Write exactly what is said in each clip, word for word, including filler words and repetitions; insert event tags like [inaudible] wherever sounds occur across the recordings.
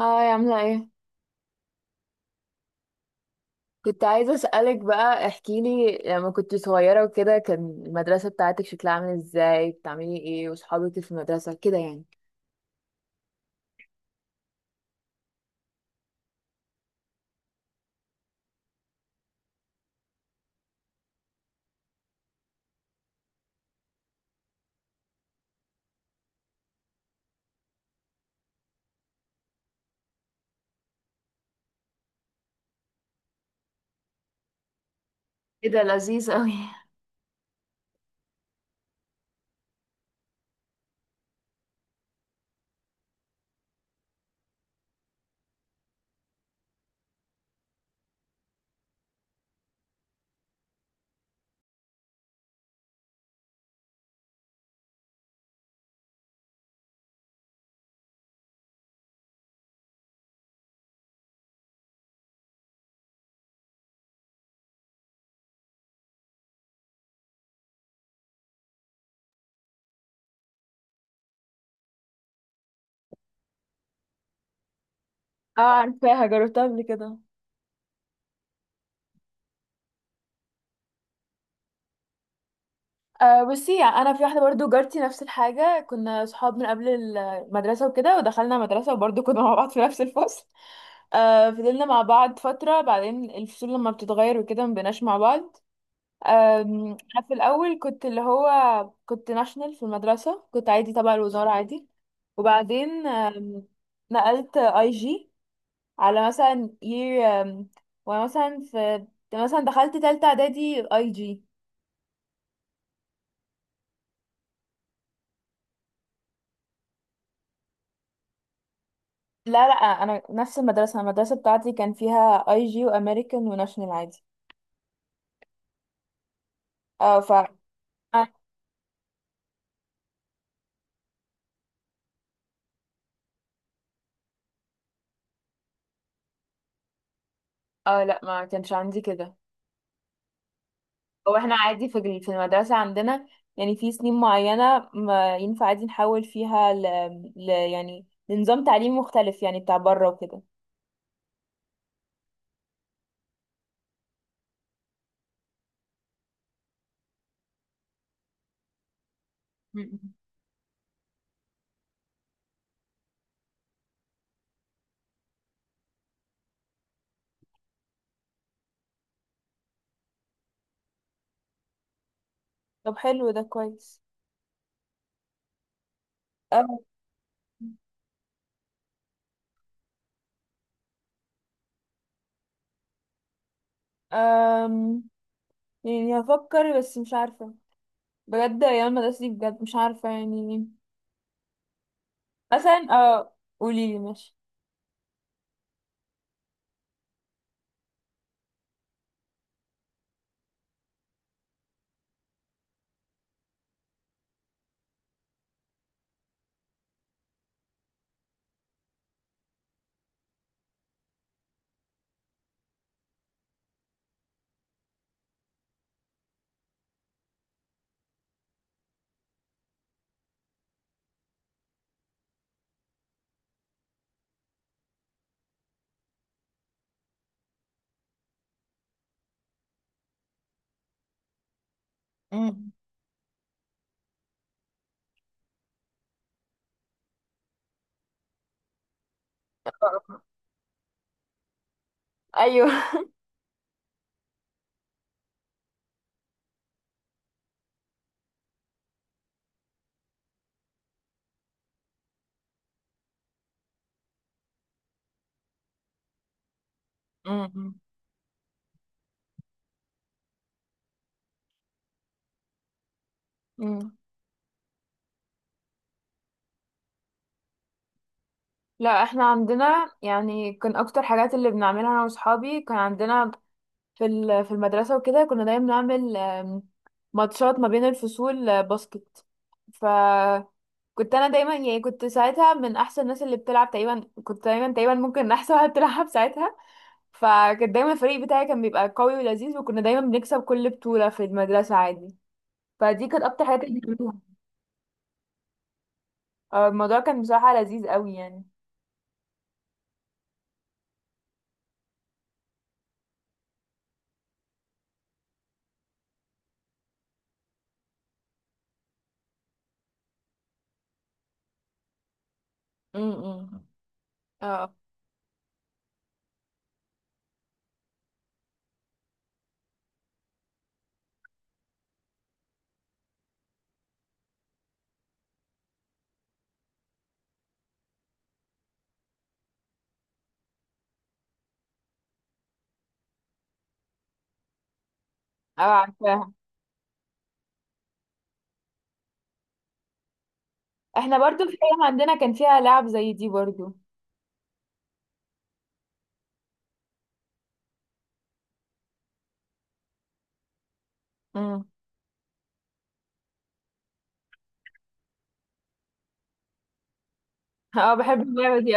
هاي عاملة ايه؟ كنت عايزة اسألك بقى، احكيلي لما كنت صغيرة وكده كان المدرسة بتاعتك شكلها عامل ازاي؟ بتعملي ايه؟ وصحابك في المدرسة كده يعني. ايه ده لذيذ قوي. اه عارفاها، جربتها قبل كده. آه بصي، يعني انا في واحده برضو جارتي نفس الحاجه، كنا صحاب من قبل المدرسه وكده ودخلنا مدرسه وبرضو كنا مع بعض في نفس الفصل. آه فضلنا مع بعض فتره، بعدين الفصول لما بتتغير وكده مبقناش مع بعض. أم، انا في الاول كنت اللي هو، كنت ناشونال في المدرسه، كنت عادي تبع الوزاره عادي. وبعدين أم، نقلت اي جي على مثلا year، أم، ومثلا في، مثلا دخلت تالتة اعدادي اي جي. لا لا، انا نفس المدرسه المدرسه بتاعتي كان فيها اي جي وامريكان وناشونال عادي. اه ف اه آه، لا ما كانش عندي كده. هو احنا عادي في ال- في المدرسة عندنا، يعني في سنين معينة ما ينفع عادي نحول فيها ل... ل... يعني لنظام تعليم مختلف، يعني بتاع بره وكده. مم. طب حلو ده كويس. أم... أم... يعني هفكر بس مش عارفة، بجد ايام المدرسة دي بجد مش عارفة يعني. مثلا اه قوليلي ماشي. مم. ايوه. مم. مم. لا احنا عندنا، يعني كان اكتر حاجات اللي بنعملها انا واصحابي، كان عندنا في ال- في المدرسة وكده، كنا دايما بنعمل آم، ماتشات ما بين الفصول، آه، باسكت. فكنت انا دايما يعني، كنت ساعتها من احسن الناس اللي بتلعب تقريبا، كنت دايما تقريبا ممكن [laughs] احسن واحد بتلعب ساعتها. فكان دايما الفريق بتاعي كان بيبقى قوي ولذيذ، وكنا دايما بنكسب كل بطولة في المدرسة عادي. فدي كانت اكتر حاجة كنا بنعملها. آه، الموضوع كان بصراحة لذيذ قوي يعني. امم. اه. اه عارفاها. احنا برضو في ايام عندنا كان فيها لعب زي دي برضو. امم. [laughs] اه بحب اللعبة دي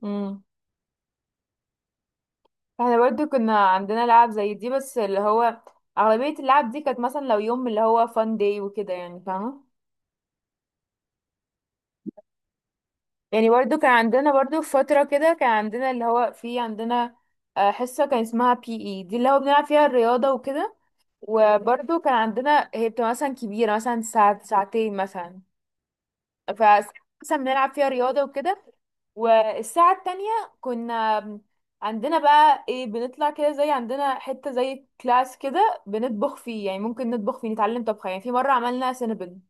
قوي. احنا برضو كنا عندنا لعب زي دي، بس اللي هو اغلبية اللعب دي كانت مثلا لو يوم اللي هو فان داي وكده، يعني فاهمة. يعني برضو كان عندنا، برضو في فترة كده كان عندنا اللي هو، في عندنا آه، حصة كان اسمها بي اي دي اللي هو بنلعب فيها الرياضة وكده. وبرضو كان عندنا، هي بتبقى مثلا كبيرة، مثلا ساعة ساعتين مثلا. فساعة مثلا بنلعب فيها رياضة وكده، والساعة التانية كنا عندنا بقى ايه، بنطلع كده زي عندنا حتة زي كلاس كده بنطبخ فيه، يعني ممكن نطبخ فيه نتعلم طبخ، يعني في مرة عملنا سينابن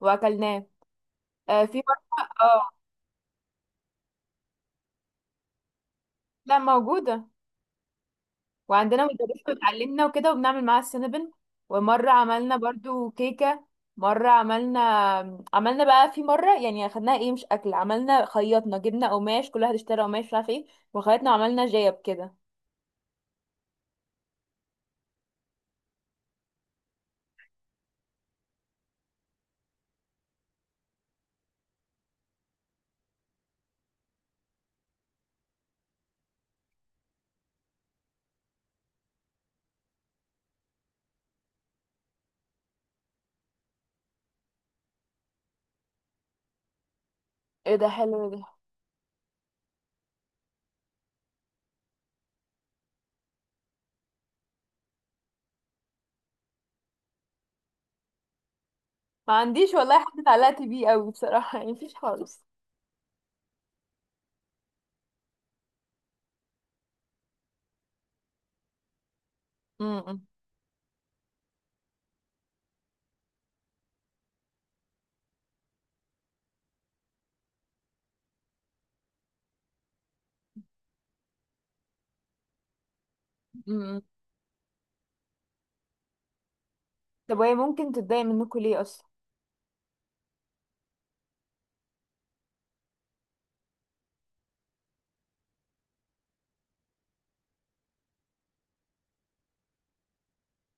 وأكلناه. آه في مرة اه لا موجودة. وعندنا مدرسة بتعلمنا وكده وبنعمل معاها السينابن. ومرة عملنا برضو كيكة. مرة عملنا، عملنا بقى في مرة يعني، خدناها ايه مش أكل، عملنا خيطنا، جبنا قماش كل واحد اشترى قماش مش عارف ايه، وخيطنا وعملنا جيب كده. ايه ده حلو ده. ما عنديش والله حد اتعلقت بيه قوي بصراحة، يعني مفيش خالص. امم. امم. طب وهي ممكن تتضايق منكم ليه أصلا؟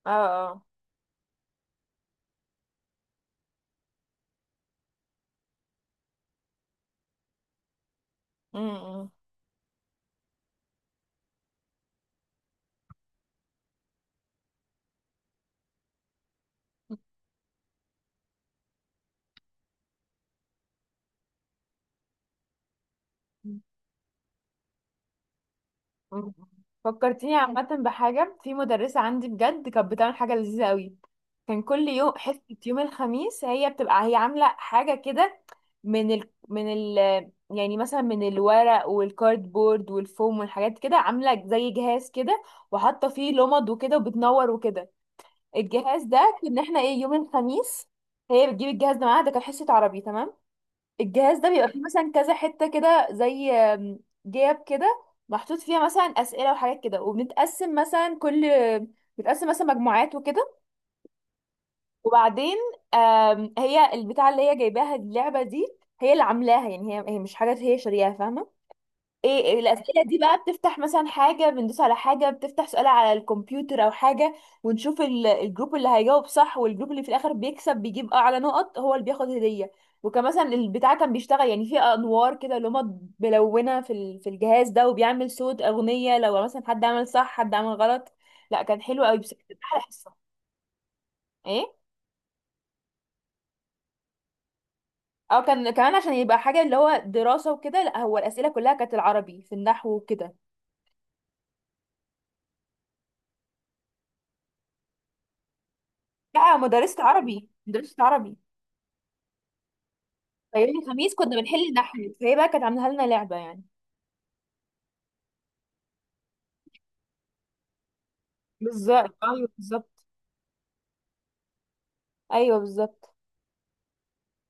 اه. اه. امم. مم. فكرتيني عامة بحاجة في مدرسة عندي بجد كانت بتعمل حاجة لذيذة قوي. كان كل يوم حصة يوم الخميس هي بتبقى هي عاملة حاجة كده، من ال... من ال... يعني مثلا من الورق والكاردبورد والفوم والحاجات كده، عاملة زي جهاز كده وحاطة فيه لمض وكده وبتنور وكده. الجهاز ده كنا احنا ايه، يوم الخميس هي بتجيب الجهاز ده معاها. ده كان حصة عربي تمام. الجهاز ده بيبقى فيه مثلا كذا حتة كده زي آم، جياب كده، محطوط فيها مثلا أسئلة وحاجات كده. وبنتقسم مثلا كل، بنتقسم مثلا مجموعات وكده. وبعدين آم، هي البتاعة اللي هي جايباها اللعبة دي، هي اللي عاملاها يعني، هي هي مش حاجات هي شارياها، فاهمة. ايه إيه الاسئله دي بقى بتفتح مثلا حاجه، بندوس على حاجه بتفتح سؤال على الكمبيوتر او حاجه، ونشوف ال- الجروب اللي هيجاوب صح. والجروب اللي في الاخر بيكسب بيجيب اعلى نقط هو اللي بياخد هديه. وكان مثلا البتاع كان بيشتغل يعني، في انوار كده اللي هما ملونه في ال- في الجهاز ده، وبيعمل صوت اغنيه لو مثلا حد عمل صح حد عمل غلط. لا كان حلو قوي، بس كانت احلى حصه. ايه. اه كان كمان عشان يبقى حاجه اللي هو دراسه وكده، لا هو الاسئله كلها كانت العربي في النحو وكده. لا مدرسه عربي، مدرسه عربي. ليالي الخميس كنا بنحل نحل، فهي بقى كانت عاملة لنا لعبة يعني. بالظبط ايوه بالظبط. ايوه بالظبط.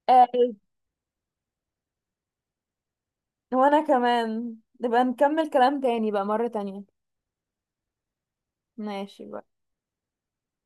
آه وانا كمان نبقى نكمل كلام تاني بقى مرة تانية. ماشي بقى.